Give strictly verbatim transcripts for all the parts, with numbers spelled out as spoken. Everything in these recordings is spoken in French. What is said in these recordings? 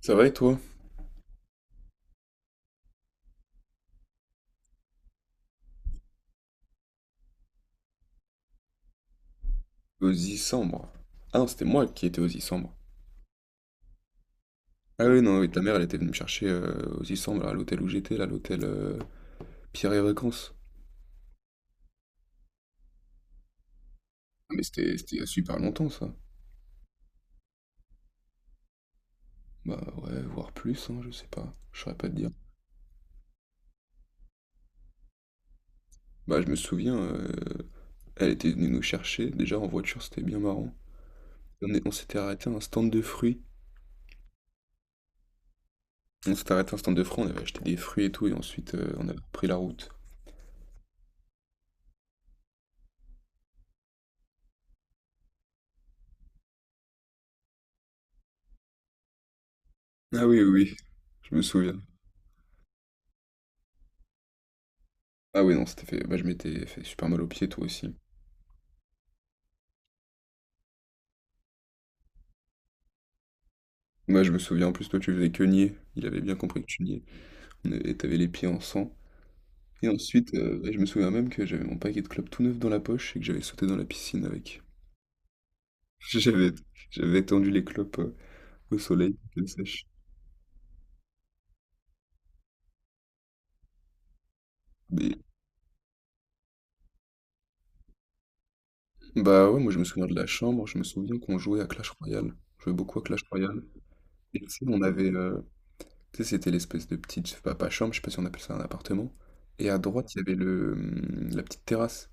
Ça va et toi? Aux Issambres. Ah non, c'était moi qui étais aux Issambres. Ah oui, non, oui, ta mère, elle était venue me chercher euh, aux Issambres, là, à l'hôtel où j'étais, là, l'hôtel euh, Pierre et Vacances. Ah, mais c'était c'était il y a super longtemps, ça. Bah ouais, voire plus, hein, je sais pas. Je saurais pas te dire. Bah je me souviens, euh, Elle était venue nous chercher, déjà en voiture, c'était bien marrant. On est- on s'était arrêté à un stand de fruits. On s'était arrêté à un stand de fruits, on avait acheté des fruits et tout, et ensuite euh, on avait repris la route. Ah oui, oui, oui, je me souviens. Ah oui, non, c'était fait. Bah, je m'étais fait super mal aux pieds, toi aussi. Moi, je me souviens, en plus, toi, tu faisais que nier. Il avait bien compris que tu niais. On avait- Et t'avais les pieds en sang. Et ensuite, euh, ouais, je me souviens même que j'avais mon paquet de clopes tout neuf dans la poche et que j'avais sauté dans la piscine avec. J'avais, J'avais tendu les clopes euh, au soleil, qu'elles sèchent. Mais, Bah ouais, moi, je me souviens de la chambre. Je me souviens qu'on jouait à Clash Royale. On jouait beaucoup à Clash Royale. Et tu sais, on avait... euh, tu sais, c'était l'espèce de petite... Je sais pas, pas chambre, je sais pas si on appelle ça un appartement. Et à droite, il y avait le, hum, la petite terrasse.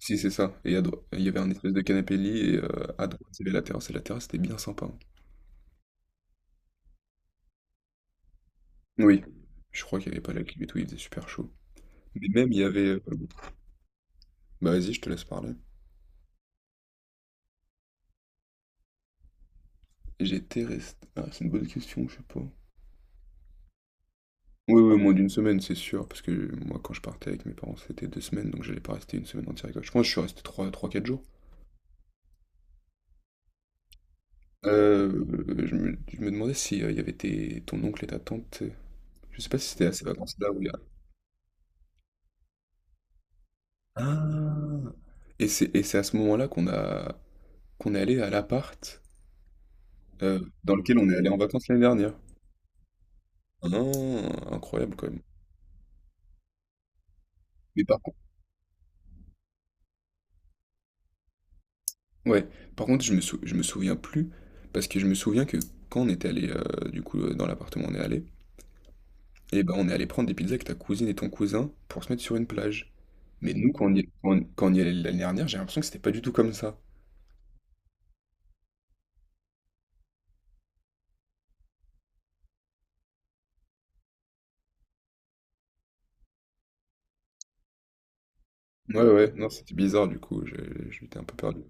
Si, c'est ça. Et à dro- il y avait un espèce de canapé-lit et euh, à droite, il y avait la terrasse. Et la terrasse, c'était bien sympa, hein. Oui. Je crois qu'il n'y avait pas la clim et tout, il faisait super chaud. Mais même, il y avait... euh, bah vas-y, je te laisse parler. J'étais resté... Ah, c'est une bonne question, je sais pas. Oui, oui, moins d'une semaine, c'est sûr. Parce que moi, quand je partais avec mes parents, c'était deux semaines, donc j'allais pas rester une semaine entière avec eux. Je pense que je suis resté trois, trois, quatre jours. Euh, je me, je me demandais si euh, il y avait tes, ton oncle et ta tante. Je sais pas si c'était à ces vacances-là où il y a... Ah! Et c'est et c'est à ce moment-là qu'on a Qu'on est allé à l'appart, heu, dans lequel on est allé en vacances l'année dernière. Ah! Incroyable quand même. Mais par contre ouais, par contre je me sou je me souviens plus, parce que je me souviens que quand on était allé heu, du coup, heu, dans l'appartement où on est allé, et ben, on est allé prendre des pizzas avec ta cousine et ton cousin pour se mettre sur une plage. Mais nous quand on y est quand quand on y est allés l'année dernière, j'ai l'impression que c'était pas du tout comme ça. Ouais, ouais, non, c'était bizarre du coup, je j'étais un peu perdu.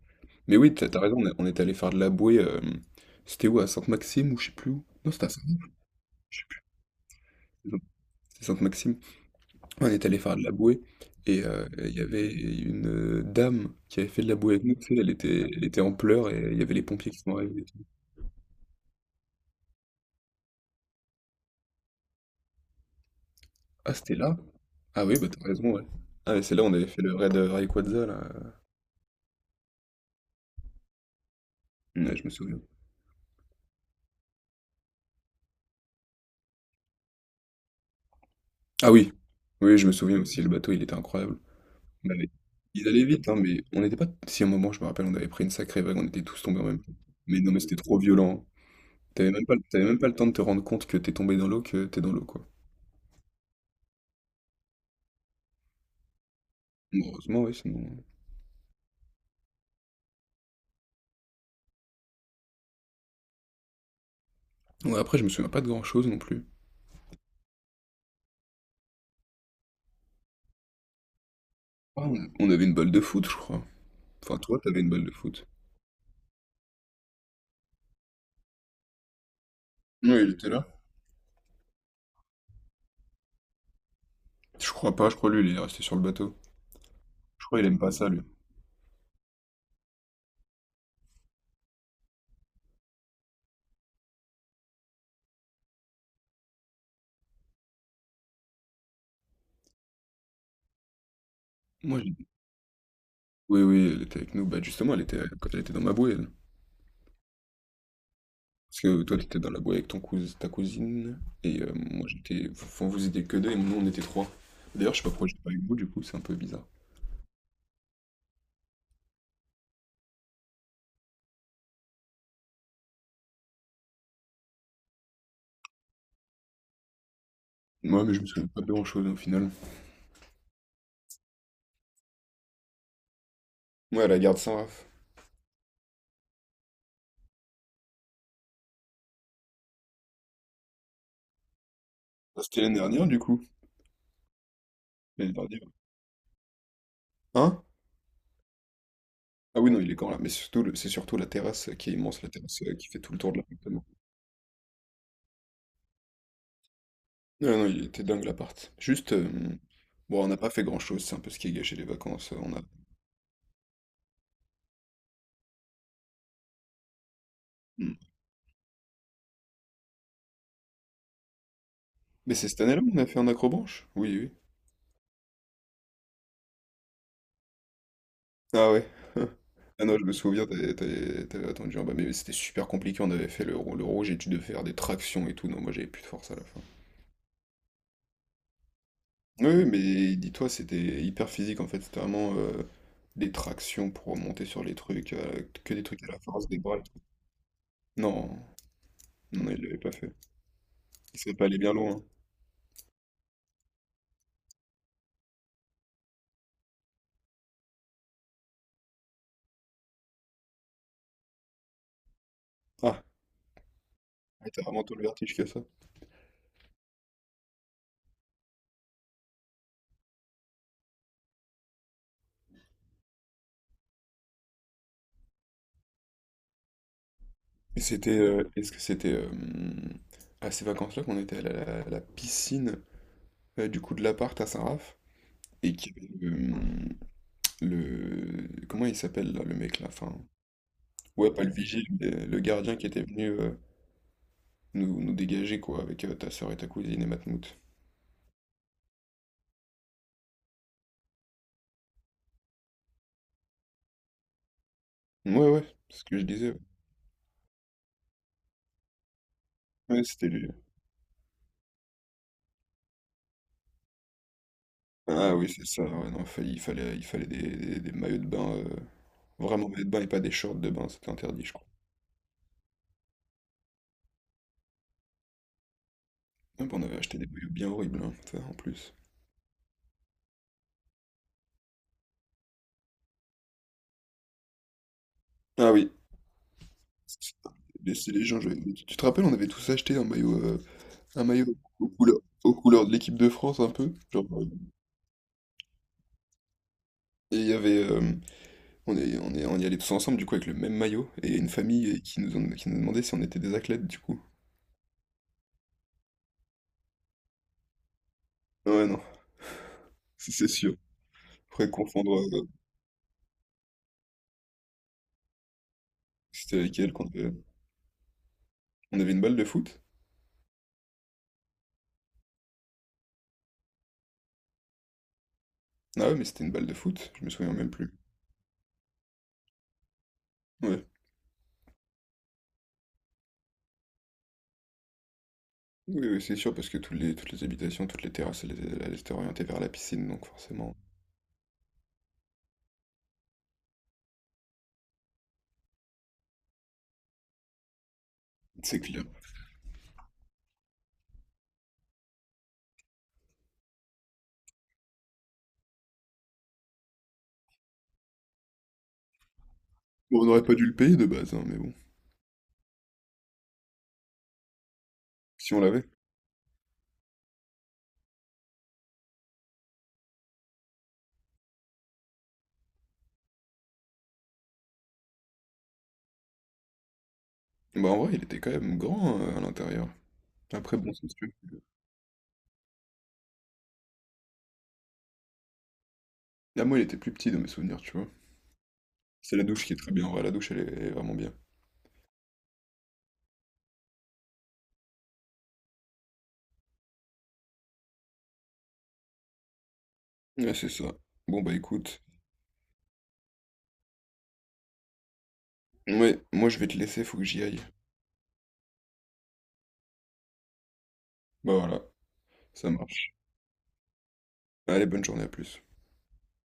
Mais oui, t'as as raison, on est on est allés faire de la bouée, hem, c'était où? À Sainte-Maxime ou je sais plus où. Non, c'était à Sainte-Maxime. On est allé faire de la bouée et heu, il y avait une, heu, dame qui avait fait de la bouée avec nous, tu sais, elle était elle était en pleurs et il y avait les pompiers qui sont arrivés et tout. Ah, c'était là? Ah oui, bah, t'as raison, ouais. Ah, et c'est là où on avait fait le raid, heu, Rayquaza là, ouais, je me souviens. Ah oui! Oui, je me souviens aussi, le bateau, il était incroyable. On avait Ils allaient vite, hein, mais on n'était pas si à un moment, je me rappelle, on avait pris une sacrée vague, on était tous tombés en même temps. Mais non, mais c'était trop violent, hein. T'avais même pas t'avais même pas le temps de te rendre compte que t'es tombé dans l'eau, que t'es dans l'eau, quoi. Heureusement, oui, sinon ouais, après, je me souviens pas de grand-chose non plus. Ah, On on avait une balle de foot, je crois. Enfin, toi, t'avais une balle de foot. Oui, il était là. Je crois pas, je crois lui, il est resté sur le bateau. Je crois il aime pas ça, lui. Moi, j'ai... Oui, oui, elle était avec nous. Bah, justement, elle était, quand elle était dans ma bouée, elle. Parce que toi, t'étais dans la bouée avec ton cous... ta cousine. Et euh, moi, j'étais. Enfin, vous étiez que deux et nous, on était trois. D'ailleurs, je sais pas pourquoi j'étais pas avec vous, du coup, c'est un peu bizarre. Moi mais je me souviens pas de grand-chose au final. Ouais, à la garde Saint-Raph. Ah, c'était l'année dernière, du coup. L'année dernière. Hein? Ah oui, non, il est quand là. Mais surtout, le- c'est surtout la terrasse qui est immense, la terrasse euh, qui fait tout le tour de l'appartement. Non, non, il était dingue l'appart. Juste, euh, bon, on n'a pas fait grand-chose, c'est un peu ce qui a gâché les vacances. euh, On a... Hmm. Mais c'est cette année-là qu'on a fait un accrobranche? Oui, oui. Ah ouais. Ah non, je me souviens, t'avais t'avais- t'avais attendu en bas, mais oui, c'était super compliqué, on avait fait le, rou- le rouge et tu devais faire des tractions et tout. Non, moi j'avais plus de force à la fin. Oui, oui, mais dis-toi, c'était hyper physique en fait, c'était vraiment euh, des tractions pour monter sur les trucs, euh, que des trucs à la force des bras, et tout. Non, non, non, il l'avait pas fait. Il serait pas allé bien loin, hein. Ah, ouais, t'as vraiment tout le vertige que ça. Et c'était, euh, est-ce que c'était euh, à ces vacances-là qu'on était à la, à la piscine euh, du coup de l'appart à Saint-Raph et qu'il y avait le, le- comment il s'appelle là, le mec là, enfin, ouais pas le vigile, mais le gardien qui était venu euh, nous, nous dégager quoi avec euh, ta soeur et ta cousine et Matmout. Ouais ouais, c'est ce que je disais. Ouais, ouais, c'était lui. Ah oui c'est ça. Ouais, non, fa- il fallait, il fallait des, des- des maillots de bain, euh, vraiment maillots de bain et pas des shorts de bain, c'était interdit je crois. Ah, bah, on avait acheté des maillots bien horribles hein, ça, en plus. Ah oui. laisser les gens, je- Mais tu tu te rappelles, on avait tous acheté un maillot, euh, un maillot aux couleurs, aux couleurs de l'équipe de France un peu. Genre, euh, et il y avait, euh, on est, on est, on y allait tous ensemble du coup avec le même maillot et une famille euh, qui nous, ont- qui nous demandait si on était des athlètes du coup. Ouais non, c'est c'est sûr. Faudrait confondre, euh, C'était avec elle quand euh, on avait une balle de foot. Ah ouais, mais c'était une balle de foot, je me souviens même plus. Ouais. Oui, oui, c'est sûr parce que toutes les, toutes les habitations, toutes les terrasses, elles, elles étaient orientées vers la piscine donc forcément, c'est clair. Bon, on n'aurait pas dû le payer de base, hein, mais bon. Si on l'avait. Bah, en vrai, il était quand même grand, heu, à l'intérieur. Après, bon, c'est sûr. Ah, moi, il était plus petit dans mes souvenirs, tu vois? C'est la douche qui est très bien, en vrai, la douche, elle est elle est vraiment bien. Ouais, c'est ça. Bon, bah, écoute, ouais, moi, je vais te laisser, faut que j'y aille. Bah, voilà, ça marche. Allez, bonne journée, à plus.